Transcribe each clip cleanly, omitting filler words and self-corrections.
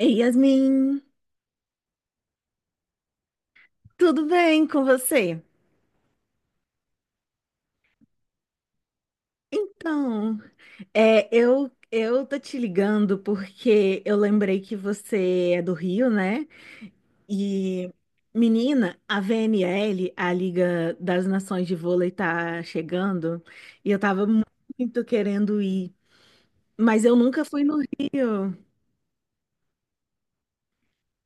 Ei, Yasmin, tudo bem com você? Então, eu tô te ligando porque eu lembrei que você é do Rio, né? E menina, a VNL, a Liga das Nações de Vôlei tá chegando e eu tava muito querendo ir, mas eu nunca fui no Rio.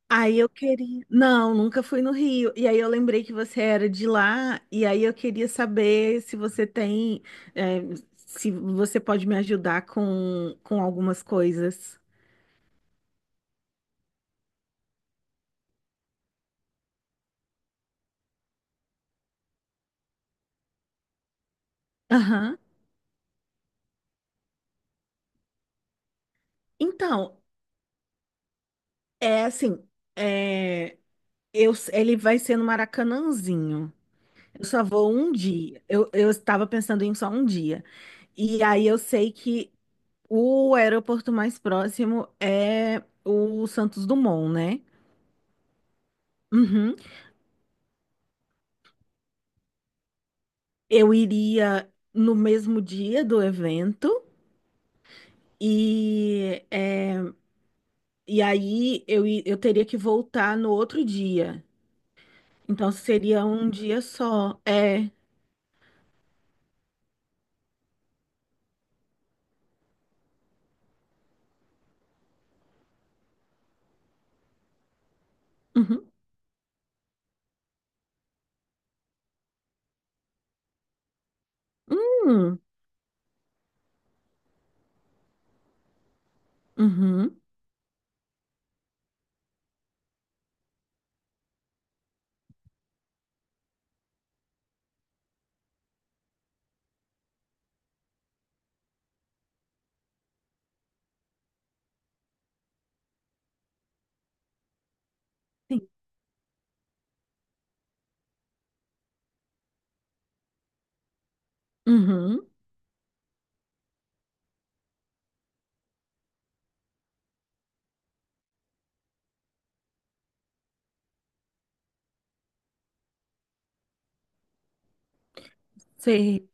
Aí eu queria. Não, nunca fui no Rio. E aí eu lembrei que você era de lá, e aí eu queria saber se você tem. é, Se você pode me ajudar com, algumas coisas. Aham. Então, é assim, é, ele vai ser no Maracanãzinho. Eu só vou um dia. Eu estava pensando em só um dia. E aí eu sei que o aeroporto mais próximo é o Santos Dumont, né? Uhum. Eu iria no mesmo dia do evento e, e aí eu teria que voltar no outro dia. Então seria um dia só. É. Uhum. Hum. Uhum. Sim. Uhum. Sei.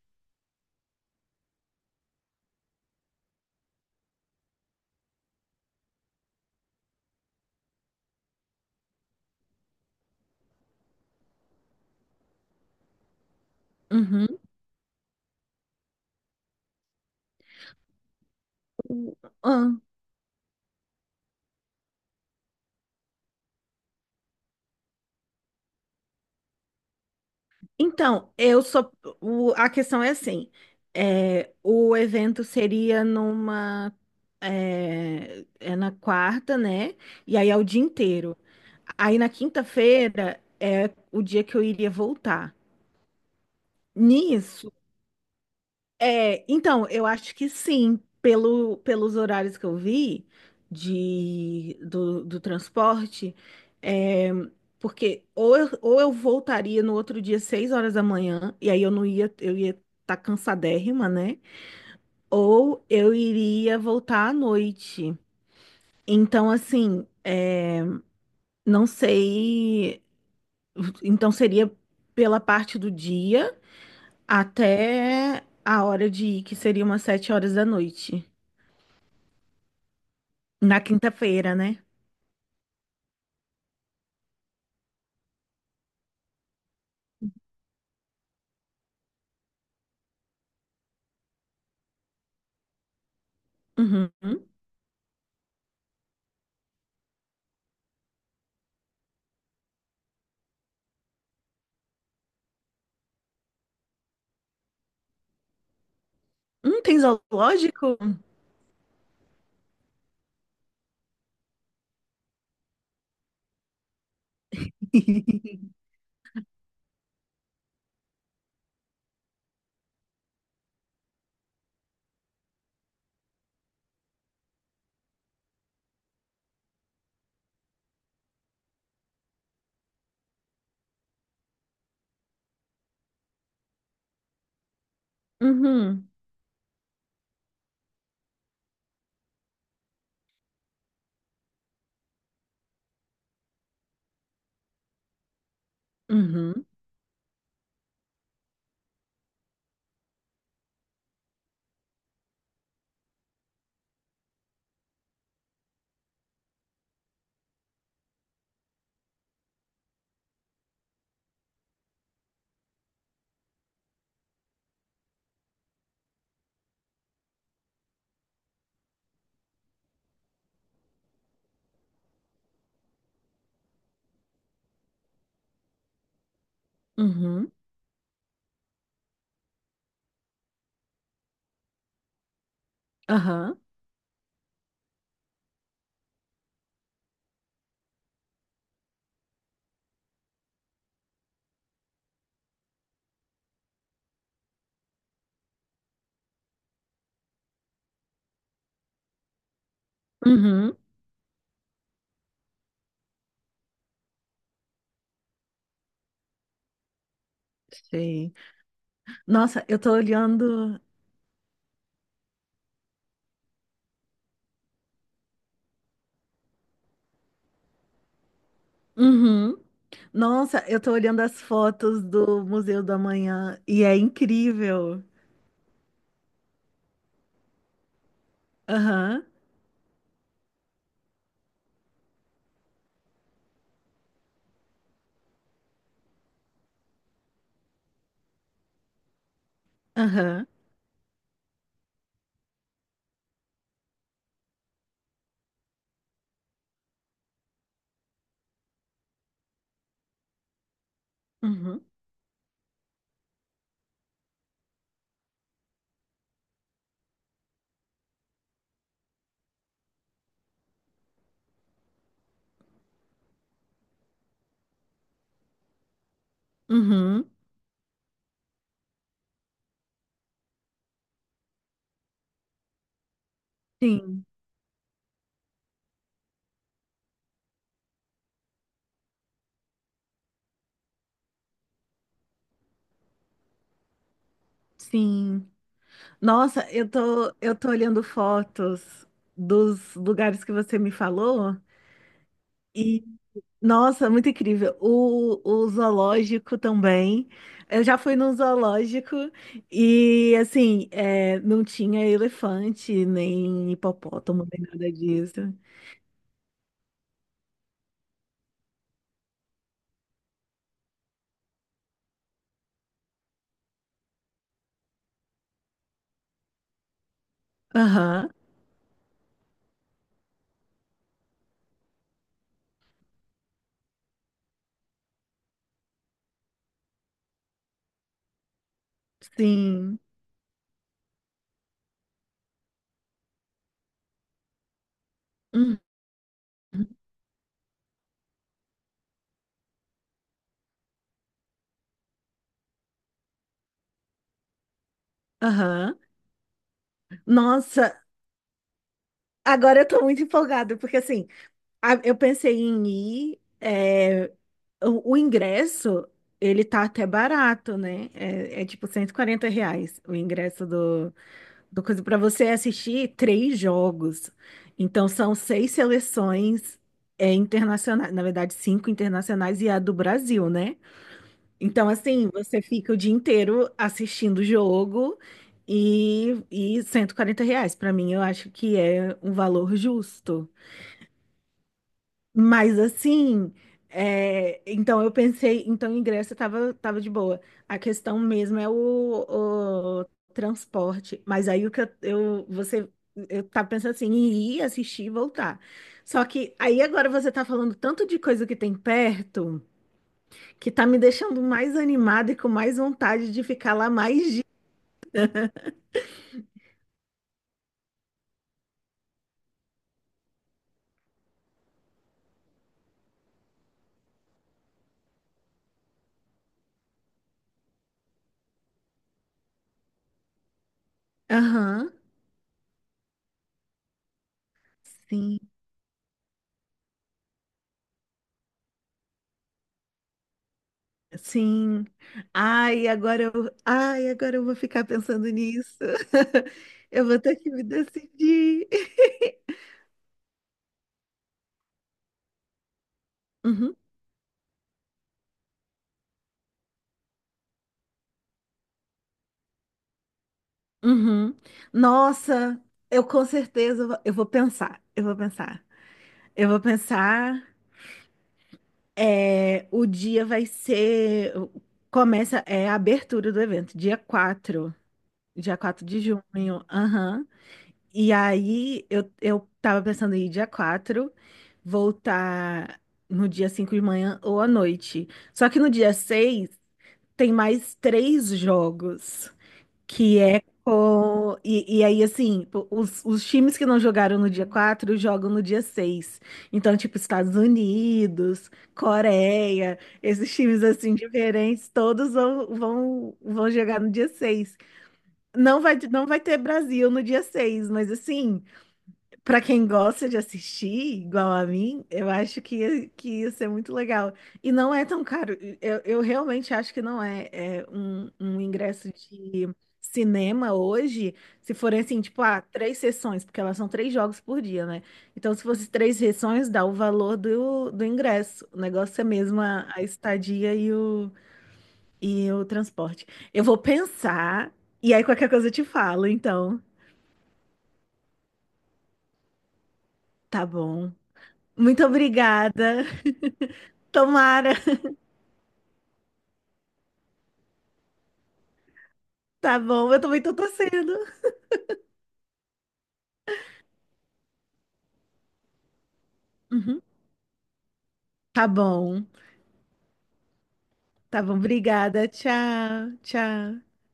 Uhum. Então, eu sou. A questão é assim: o evento seria numa. É na quarta, né? E aí é o dia inteiro. Aí na quinta-feira é o dia que eu iria voltar. Nisso, então, eu acho que sim, pelos horários que eu vi do transporte, é, porque ou eu voltaria no outro dia 6 horas da manhã, e aí eu não ia, eu ia estar cansadérrima, né? Ou eu iria voltar à noite. Então, assim, não sei. Então seria pela parte do dia até a hora de ir, que seria umas 7 horas da noite. Na quinta-feira, né? Uhum. Tem zoológico? Uhum. Uhum. Uhum. Aham. Uhum. Sei. Nossa, eu tô olhando. Uhum. Nossa, eu tô olhando as fotos do Museu do Amanhã e é incrível. Aham. Aham. Uhum. Uhum. Sim, sim. Nossa, eu tô olhando fotos dos lugares que você me falou. Nossa, muito incrível. O zoológico também. Eu já fui no zoológico e, assim, não tinha elefante, nem hipopótamo, nem nada disso. Aham, sim. Uhum, Aham. Nossa, agora eu tô muito empolgada, porque, assim, eu pensei em ir. O ingresso, ele tá até barato, né? É tipo R$ 140 o ingresso. Uma coisa para você é assistir três jogos. Então são seis seleções internacionais, na verdade cinco internacionais e a do Brasil, né? Então assim, você fica o dia inteiro assistindo o jogo e R$ 140. Para mim, eu acho que é um valor justo. Mas assim, então eu pensei, então em Grécia tava de boa. A questão mesmo é o transporte. Mas aí o que eu- você eu tava pensando assim, em ir assistir e voltar. Só que aí agora você tá falando tanto de coisa que tem perto que tá me deixando mais animada e com mais vontade de ficar lá mais dias. Aham, sim. Sim. Ai, agora eu vou ficar pensando nisso. Eu vou ter que me decidir. Uhum, uhum. Nossa, eu com certeza eu vou pensar. Eu vou pensar. Eu vou pensar. É, o dia vai ser. Começa, é a abertura do evento, dia 4. Dia 4 de junho. Aham. E aí eu tava pensando em ir dia 4, voltar no dia 5 de manhã ou à noite. Só que no dia 6 tem mais três jogos, que é com... E aí, assim, pô, os times que não jogaram no dia 4 jogam no dia 6. Então, tipo, Estados Unidos, Coreia, esses times, assim, diferentes, todos vão jogar no dia 6. Não vai ter Brasil no dia 6, mas assim... Pra quem gosta de assistir, igual a mim, eu acho que ia ser muito legal. E não é tão caro. Eu realmente acho que não é um ingresso de cinema hoje, se forem assim, tipo, ah, três sessões, porque elas são três jogos por dia, né? Então, se fosse três sessões, dá o valor do ingresso. O negócio é mesmo a estadia e o transporte. Eu vou pensar, e aí qualquer coisa eu te falo, então. Tá bom. Muito obrigada. Tomara. Tá bom, eu também tô torcendo. Uhum. Tá bom, tá bom, obrigada. Tchau, tchau.